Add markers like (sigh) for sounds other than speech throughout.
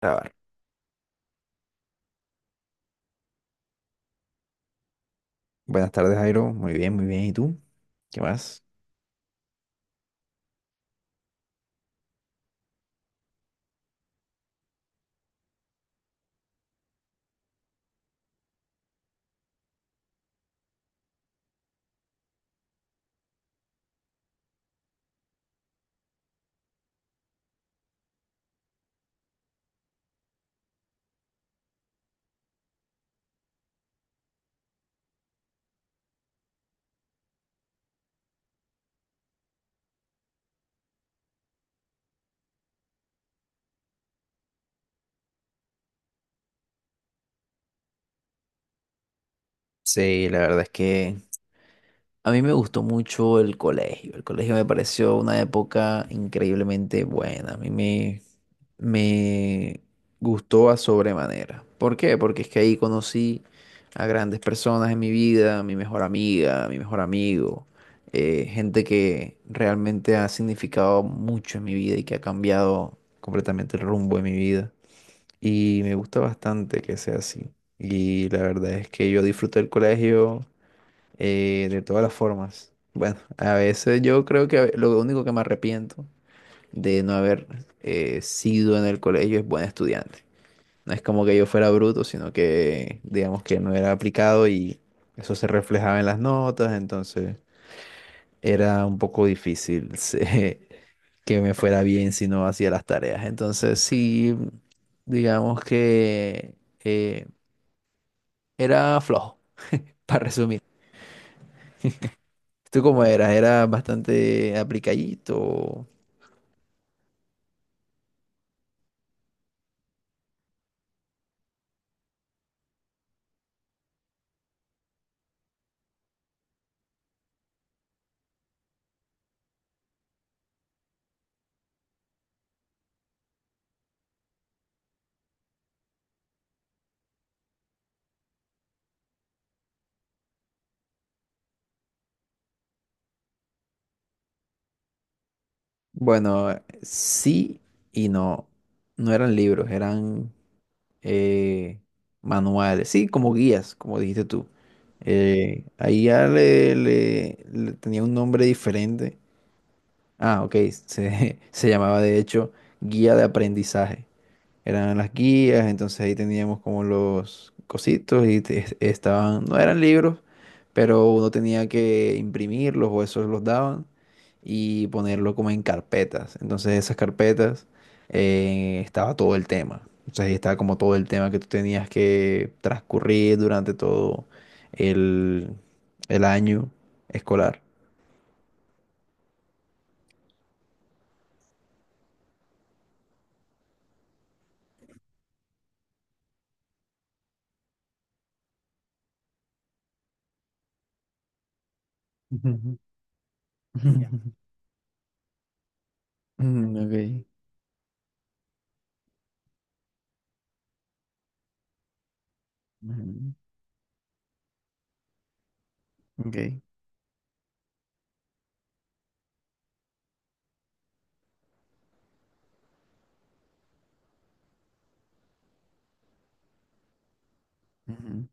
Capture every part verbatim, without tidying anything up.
Grabar. Buenas tardes, Jairo. Muy bien, muy bien. ¿Y tú? ¿Qué más? Sí, la verdad es que a mí me gustó mucho el colegio. El colegio me pareció una época increíblemente buena. A mí me, me gustó a sobremanera. ¿Por qué? Porque es que ahí conocí a grandes personas en mi vida, a mi mejor amiga, a mi mejor amigo, eh, gente que realmente ha significado mucho en mi vida y que ha cambiado completamente el rumbo de mi vida. Y me gusta bastante que sea así. Y la verdad es que yo disfruto del colegio eh, de todas las formas. Bueno, a veces yo creo que lo único que me arrepiento de no haber eh, sido en el colegio es buen estudiante. No es como que yo fuera bruto, sino que digamos que no era aplicado y eso se reflejaba en las notas. Entonces, era un poco difícil (laughs) se- que me fuera bien si no hacía las tareas. Entonces sí, digamos que eh, era flojo, (laughs) para resumir. ¿Tú cómo eras? ¿Era bastante aplicadito? Bueno, sí y no. No eran libros, eran eh, manuales. Sí, como guías, como dijiste tú. Eh, ahí ya le, le- le tenía un nombre diferente. Ah, ok. Se, (laughs) se llamaba de hecho guía de aprendizaje. Eran las guías, entonces ahí teníamos como los cositos y te- estaban, no eran libros, pero uno tenía que imprimirlos o esos los daban y ponerlo como en carpetas. Entonces esas carpetas eh, estaba todo el tema. O sea, ahí estaba como todo el tema que tú tenías que transcurrir durante todo el, el año escolar. Ujú. (laughs) Y ya. Ujú. Ok. Ujú. Ok. Ujú.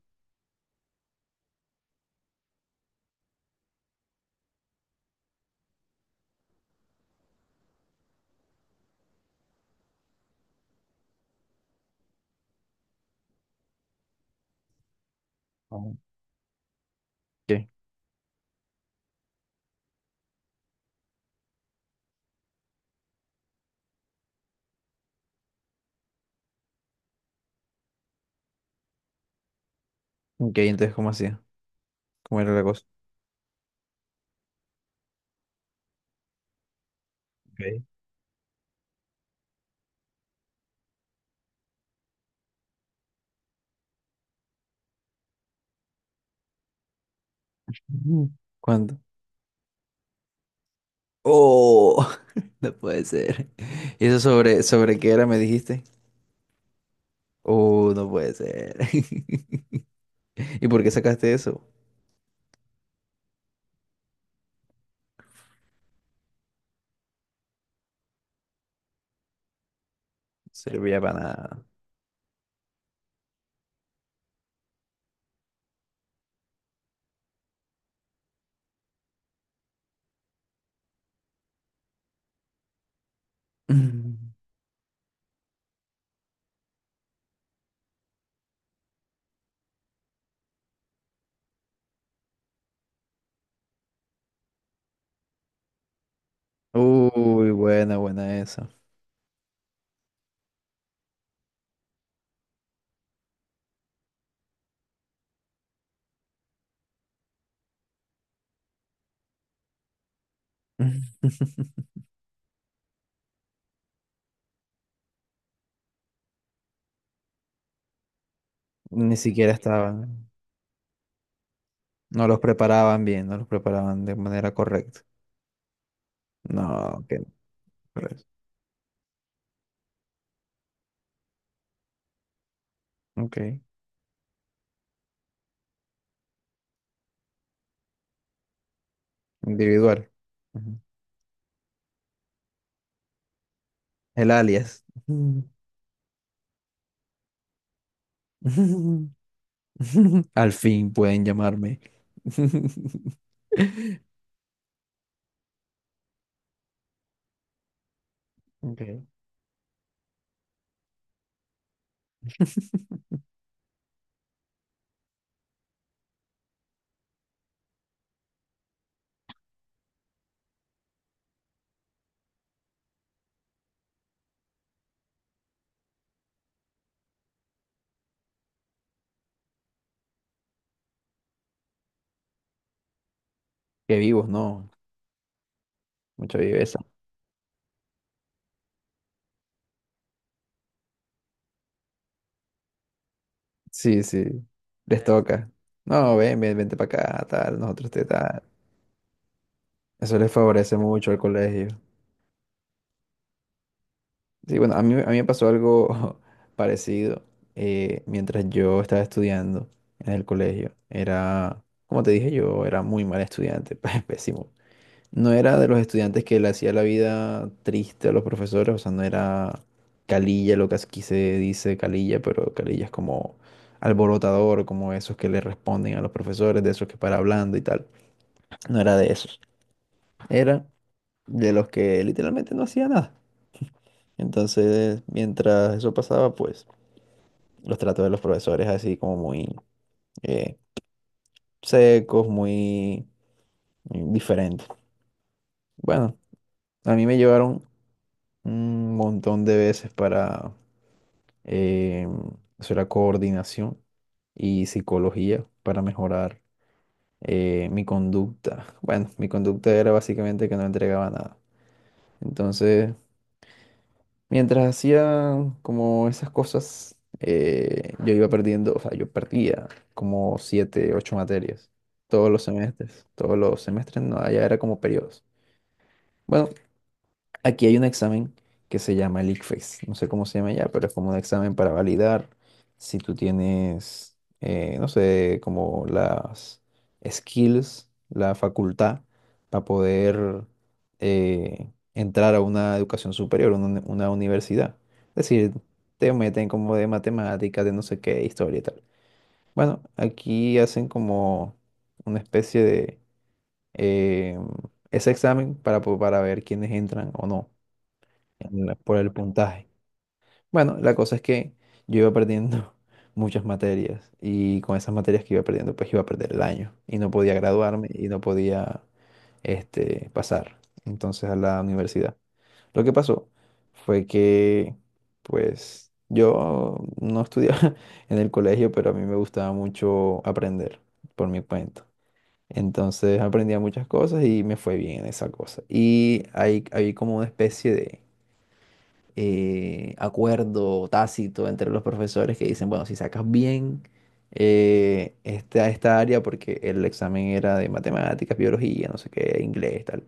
Oh. Ok, ok, entonces, ¿cómo hacía? ¿Cómo era la cosa? Okay. Ujú. ¿Cuánto? Oh, (laughs) no puede ser. ¿Y eso sobre, sobre qué era, me dijiste? Oh, no puede ser. (laughs) ¿Y por qué sacaste eso? No servía para nada. Mm. Uy, buena, buena esa. (laughs) Ni siquiera estaban. No los preparaban bien, no los preparaban de manera correcta. No, ok. Correcto. Ok. Individual. El alias. (laughs) Al fin pueden llamarme. (laughs) Okay. Que vivos, no. Mucha viveza. Sí, sí. Les toca. No, ven, ven, vente para acá, tal, nosotros te tal. Eso les favorece mucho al colegio. Sí, bueno, a mí, a mí me pasó algo (laughs) parecido, eh, mientras yo estaba estudiando en el colegio. Era, como te dije, yo era muy mal estudiante, (laughs) pésimo. No era de los estudiantes que le hacía la vida triste a los profesores, o sea, no era calilla, lo que aquí se dice calilla, pero calilla es como alborotador, como esos que le responden a los profesores, de esos que para hablando y tal. No era de esos. Era de los que literalmente no hacía nada. Entonces, mientras eso pasaba, pues los tratos de los profesores así como muy eh, secos, muy eh, diferentes. Bueno, a mí me llevaron un montón de veces para eh, eso era coordinación y psicología para mejorar eh, mi conducta. (laughs) Bueno, mi conducta era básicamente que no entregaba nada. Entonces, mientras hacía como esas cosas, eh, yo iba perdiendo, o sea, yo perdía como siete, ocho materias todos los semestres, todos los semestres, no, allá era como periodos. Bueno, aquí hay un examen que se llama el ICFES, no sé cómo se llama ya, pero es como un examen para validar si tú tienes, eh, no sé, como las skills, la facultad para poder eh, entrar a una educación superior, una, una universidad. Es decir, te meten como de matemáticas, de no sé qué, historia y tal. Bueno, aquí hacen como una especie de eh, ese examen para, po- para ver quiénes entran o no en la- por el puntaje. Bueno, la cosa es que yo iba perdiendo (laughs) muchas materias y con esas materias que iba perdiendo, pues iba a perder el año y no podía graduarme y no podía este, pasar entonces a la universidad. Lo que pasó fue que, pues, yo no estudiaba (laughs) en el colegio, pero a mí me gustaba mucho aprender por mi cuenta. Entonces aprendía muchas cosas y me fue bien en esa cosa. Y hay, hay como una especie de eh, acuerdo tácito entre los profesores que dicen, bueno, si sacas bien eh, esta, esta área, porque el examen era de matemáticas, biología, no sé qué, inglés, tal.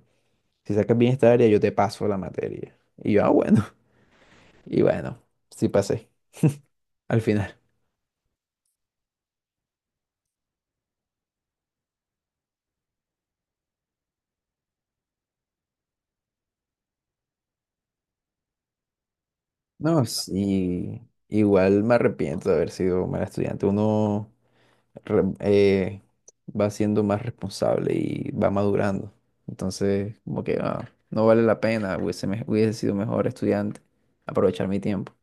Si sacas bien esta área, yo te paso la materia. Y yo, ah, bueno, (laughs) y bueno, sí pasé al final. No, sí, igual me arrepiento de haber sido mal estudiante. Uno re- eh, va siendo más responsable y va madurando. Entonces, como que ah, no vale la pena, hubiese, me- hubiese sido mejor estudiante, aprovechar mi tiempo,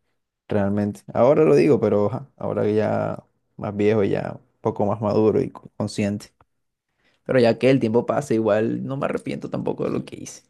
realmente. Ahora lo digo, pero ajá, ahora que ya más viejo, ya un poco más maduro y co- consciente. Pero ya que el tiempo pasa, igual no me arrepiento tampoco de lo que hice.